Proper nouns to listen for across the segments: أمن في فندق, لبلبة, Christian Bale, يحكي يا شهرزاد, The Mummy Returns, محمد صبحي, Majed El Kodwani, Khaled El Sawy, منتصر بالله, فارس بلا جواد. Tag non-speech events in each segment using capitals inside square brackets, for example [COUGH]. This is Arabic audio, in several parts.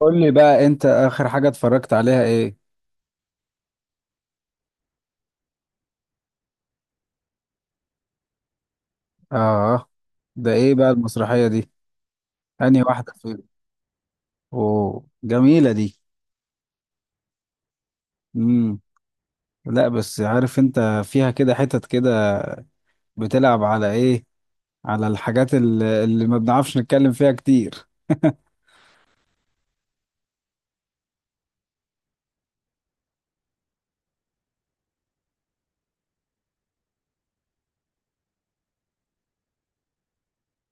قول لي بقى، انت اخر حاجة اتفرجت عليها ايه؟ اه. ده ايه بقى المسرحية دي؟ انهي واحدة فيهم؟ اوه، جميلة دي. امم. لا، بس عارف انت، فيها كده حتت كده، بتلعب على ايه، على الحاجات اللي ما بنعرفش نتكلم فيها كتير.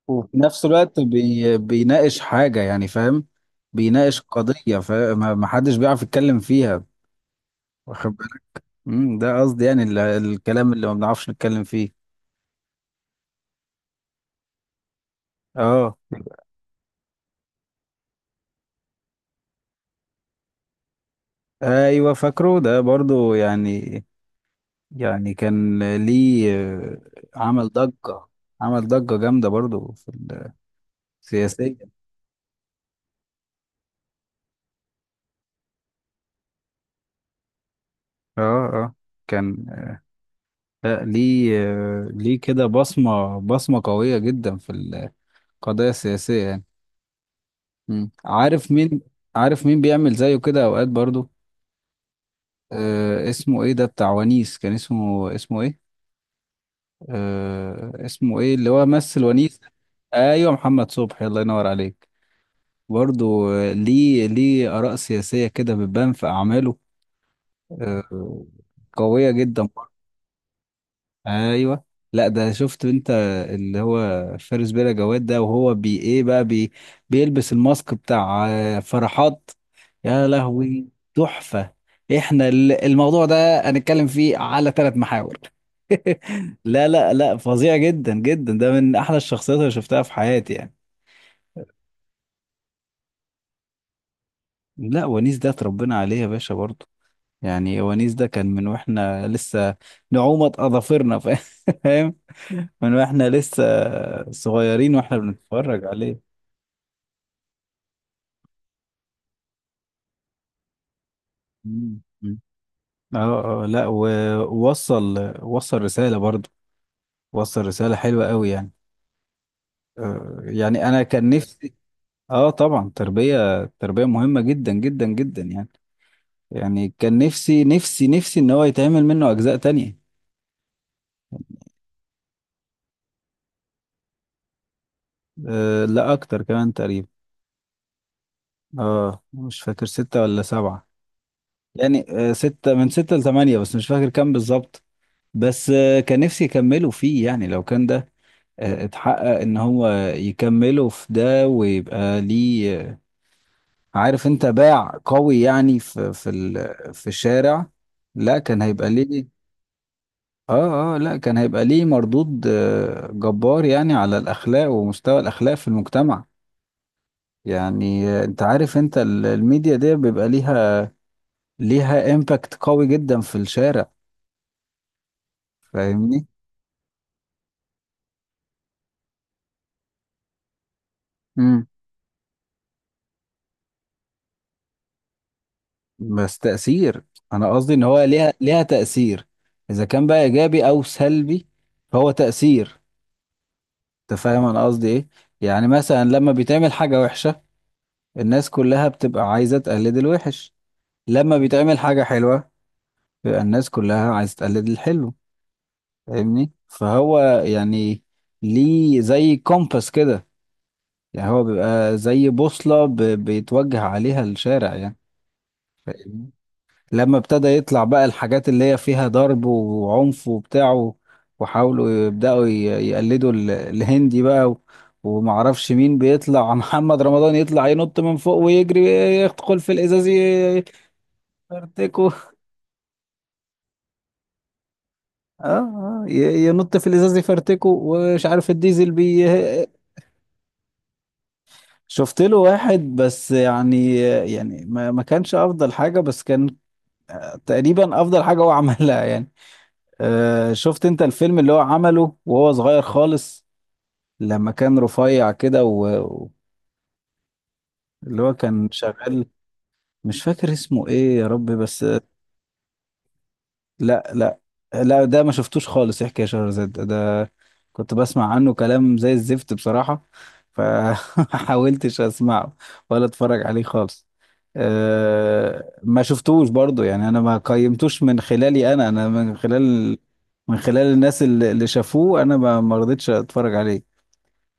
وفي نفس الوقت بيناقش حاجة، يعني فاهم؟ بيناقش قضية، فما ما حدش بيعرف يتكلم فيها. واخد بالك؟ ده قصدي، يعني الكلام اللي ما بنعرفش نتكلم فيه. اه. ايوه، فاكره ده برضو يعني. يعني كان. ليه. آه، عمل ضجة. عمل ضجة جامدة برضو في السياسية. اه، اه. كان. لا، ليه. ليه كده بصمة قوية جدا في القضايا السياسية يعني. مم. عارف مين. بيعمل زيه كده اوقات برضو؟ اسمه ايه ده بتاع ونيس، كان اسمه ايه؟ اسمه ايه اللي هو مثل ونيس؟ ايوه، محمد صبحي، الله ينور عليك. برضه. ليه آراء سياسية كده بتبان في أعماله. آه، قوية جدا برضه. أيوه. لا، ده شفت أنت، اللي هو فارس بلا جواد ده، وهو بي إيه بقى بي بيلبس الماسك بتاع فرحات. يا لهوي! تحفة. إحنا الموضوع ده هنتكلم فيه على ثلاث محاور. [LAUGHS] لا، لا، لا، فظيع جدا جدا، ده من أحلى الشخصيات اللي شفتها في حياتي يعني. لا، ونيس ده اتربينا عليه يا باشا برضه. يعني ونيس ده كان من واحنا لسه نعومة اظافرنا [LAUGHS] فاهم. من واحنا لسه صغيرين واحنا بنتفرج عليه. مم. مم. اه، اه، لا، ووصل رسالة برضو، وصل رسالة حلوة قوي يعني. يعني انا كان نفسي. اه، طبعا تربية تربية مهمة جدا جدا جدا يعني. يعني كان نفسي نفسي نفسي ان هو يتعمل منه اجزاء تانية. لا، اكتر كمان تقريبا. اه، مش فاكر ستة ولا سبعة. يعني ستة، من ستة لثمانية، بس مش فاكر كام بالظبط. بس كان نفسي يكملوا فيه، يعني لو كان ده اتحقق ان هو يكملوا في ده، ويبقى ليه عارف انت، باع قوي يعني في الشارع. لا، كان هيبقى ليه. اه، اه، لا، كان هيبقى ليه مردود جبار يعني، على الاخلاق ومستوى الاخلاق في المجتمع. يعني انت عارف انت الميديا دي بيبقى ليها، ليها امباكت قوي جدا في الشارع. فاهمني؟ بس تأثير. أنا قصدي إن هو ليها ليها تأثير، إذا كان بقى إيجابي أو سلبي، فهو تأثير. أنت فاهم أنا قصدي إيه؟ يعني مثلا، لما بيتعمل حاجة وحشة، الناس كلها بتبقى عايزة تقلد الوحش. لما بيتعمل حاجة حلوة، بيبقى الناس كلها عايزة تقلد الحلو. فاهمني؟ فهو، يعني، ليه زي كومباس كده. يعني هو بيبقى زي بوصلة بيتوجه عليها الشارع يعني. لما ابتدى يطلع بقى الحاجات اللي هي فيها ضرب وعنف وبتاع وحاولوا يبدأوا يقلدوا الهندي بقى ومعرفش مين بيطلع [LAUGHS] محمد رمضان يطلع ينط من فوق ويجري، يدخل في الإزاز يفرتكه. اه، ينط في الإزاز يفرتكه، ومش عارف الديزل شفت له واحد بس يعني، يعني ما كانش أفضل حاجة، بس كان تقريبا أفضل حاجة هو عملها يعني. شفت انت الفيلم اللي هو عمله وهو صغير خالص، لما كان رفيع كده اللي هو كان شغال. مش فاكر اسمه ايه يا ربي بس. لا، لا، لا، ده ما شفتوش خالص، يحكي يا شهرزاد ده كنت بسمع عنه كلام زي الزفت بصراحة، فحاولتش [LAUGHS] اسمعه ولا اتفرج عليه خالص. أه، ما شفتوش برضو يعني، انا ما قيمتوش من خلالي انا من خلال، من خلال الناس اللي شافوه، انا ما رضيتش اتفرج عليه.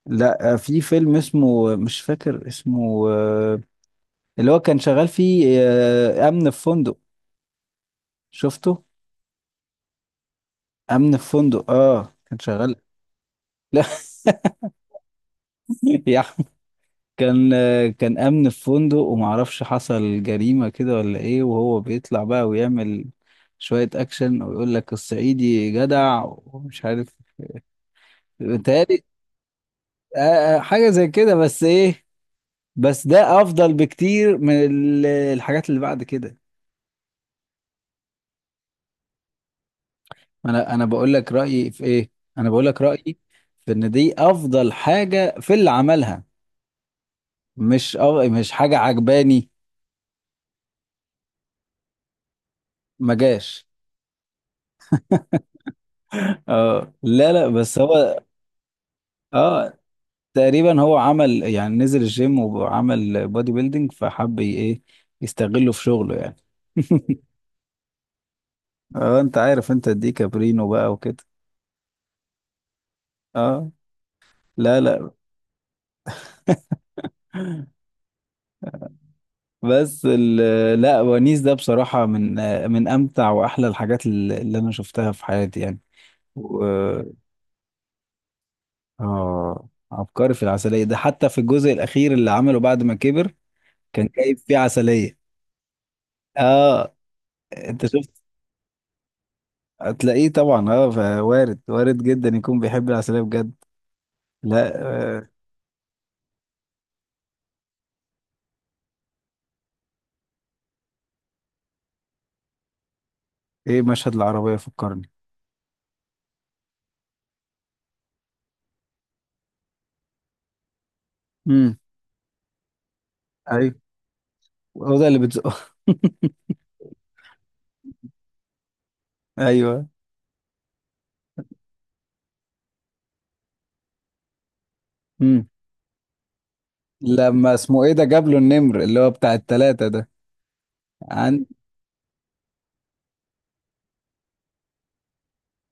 لا، في فيلم اسمه، مش فاكر اسمه اللي هو كان شغال فيه امن في فندق. شفته؟ امن في فندق، اه، كان شغال. لا، [LAUGHS] يا أحمد. كان امن في فندق، ومعرفش حصل جريمة كده ولا ايه، وهو بيطلع بقى ويعمل شوية اكشن، ويقول لك الصعيدي جدع ومش عارف، بيتهيألي حاجة زي كده، بس ايه. بس ده افضل بكتير من الحاجات اللي بعد كده. انا بقول لك رايي في ايه، انا بقول لك رايي في ان دي افضل حاجه في اللي عملها، مش حاجه عجباني. ما جاش. اه، لا، لا، بس هو، اه، تقريبا هو عمل يعني نزل الجيم وعمل بودي بيلدينج، فحب ايه، يستغله في شغله يعني. [LAUGHS] اه، انت عارف انت دي كابرينو بقى وكده. اه، لا، لا، بس لا، ونيس ده بصراحه من، من امتع واحلى الحاجات اللي انا شفتها في حياتي يعني. اه، عبقري في العسلية ده، حتى في الجزء الأخير اللي عمله بعد ما كبر كان جايب فيه عسلية. اه، انت شفت. هتلاقيه طبعا، اه، وارد وارد جدا يكون بيحب العسلية بجد. لا، آه ايه مشهد العربية، فكرني. امم. ايوه، هو ده اللي بتزقه. [LAUGHS] ايوه. امم. لما اسمه ايه ده، جاب له النمر اللي هو بتاع التلاتة ده. عن.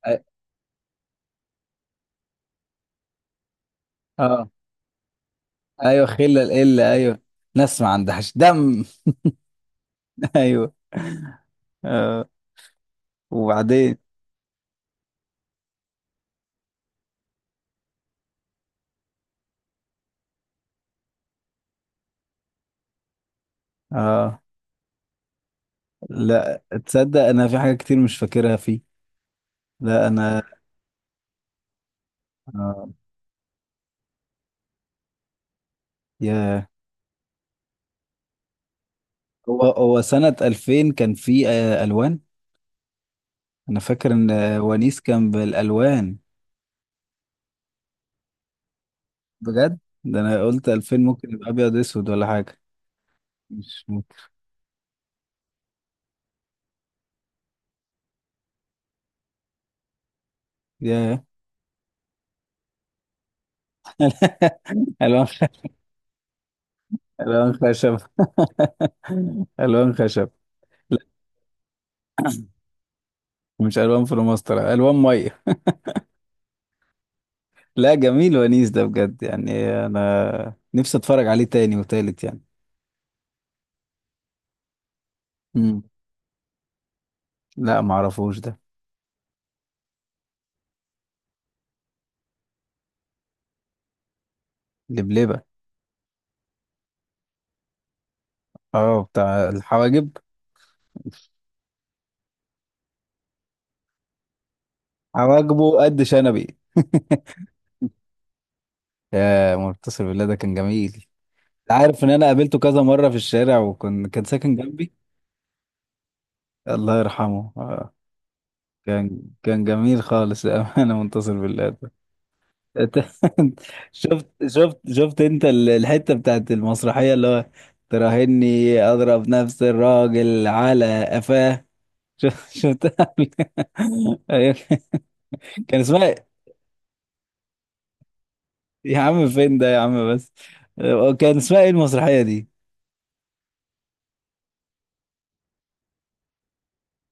اه. آه. ايوه، خلة القلة، ايوه. ناس ما عندهاش دم. [LAUGHS] ايوه. آه وبعدين. اه، لا تصدق، انا في حاجة كتير مش فاكرها فيه. لا، انا آه، يا هو سنة 2000 كان في الوان. انا فاكر ان ونيس كان بالالوان. بجد، ده انا قلت 2000 ممكن يبقى ابيض اسود ولا حاجة. مش ممكن. يا، [LAUGHS] الوان الوان خشب. [LAUGHS] الوان خشب. لا، مش الوان فلوماستر، الوان ميه. لا، جميل ونيس ده بجد يعني، انا نفسي اتفرج عليه تاني وتالت يعني. امم. لا، معرفوش ده. لبلبة. اه، بتاع الحواجب. حواجبه قد شنبي. [LAUGHS] يا منتصر بالله، ده كان جميل. عارف ان انا قابلته كذا مرة في الشارع، وكان كان ساكن جنبي. الله يرحمه. كان جميل خالص انا [LAUGHS] منتصر بالله ده. أنت- [LAUGHS] شفت انت الحتة بتاعت المسرحية، اللي هو تراهني اضرب نفس الراجل على قفاه. شفت؟ [LAUGHS] أيوة. كان اسمها. يا عم فين ده يا عم بس. كان اسمها ايه المسرحية دي؟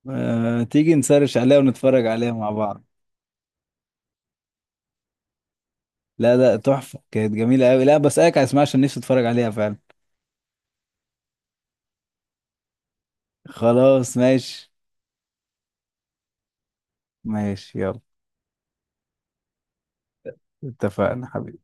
أه، تيجي نسرش عليها ونتفرج عليها مع بعض. لا، لا، تحفة، كانت جميلة قوي، لا بسألك على اسمها عشان نفسي اتفرج عليها فعلا. خلاص، ماشي. ماشي، يلا، اتفقنا حبيبي.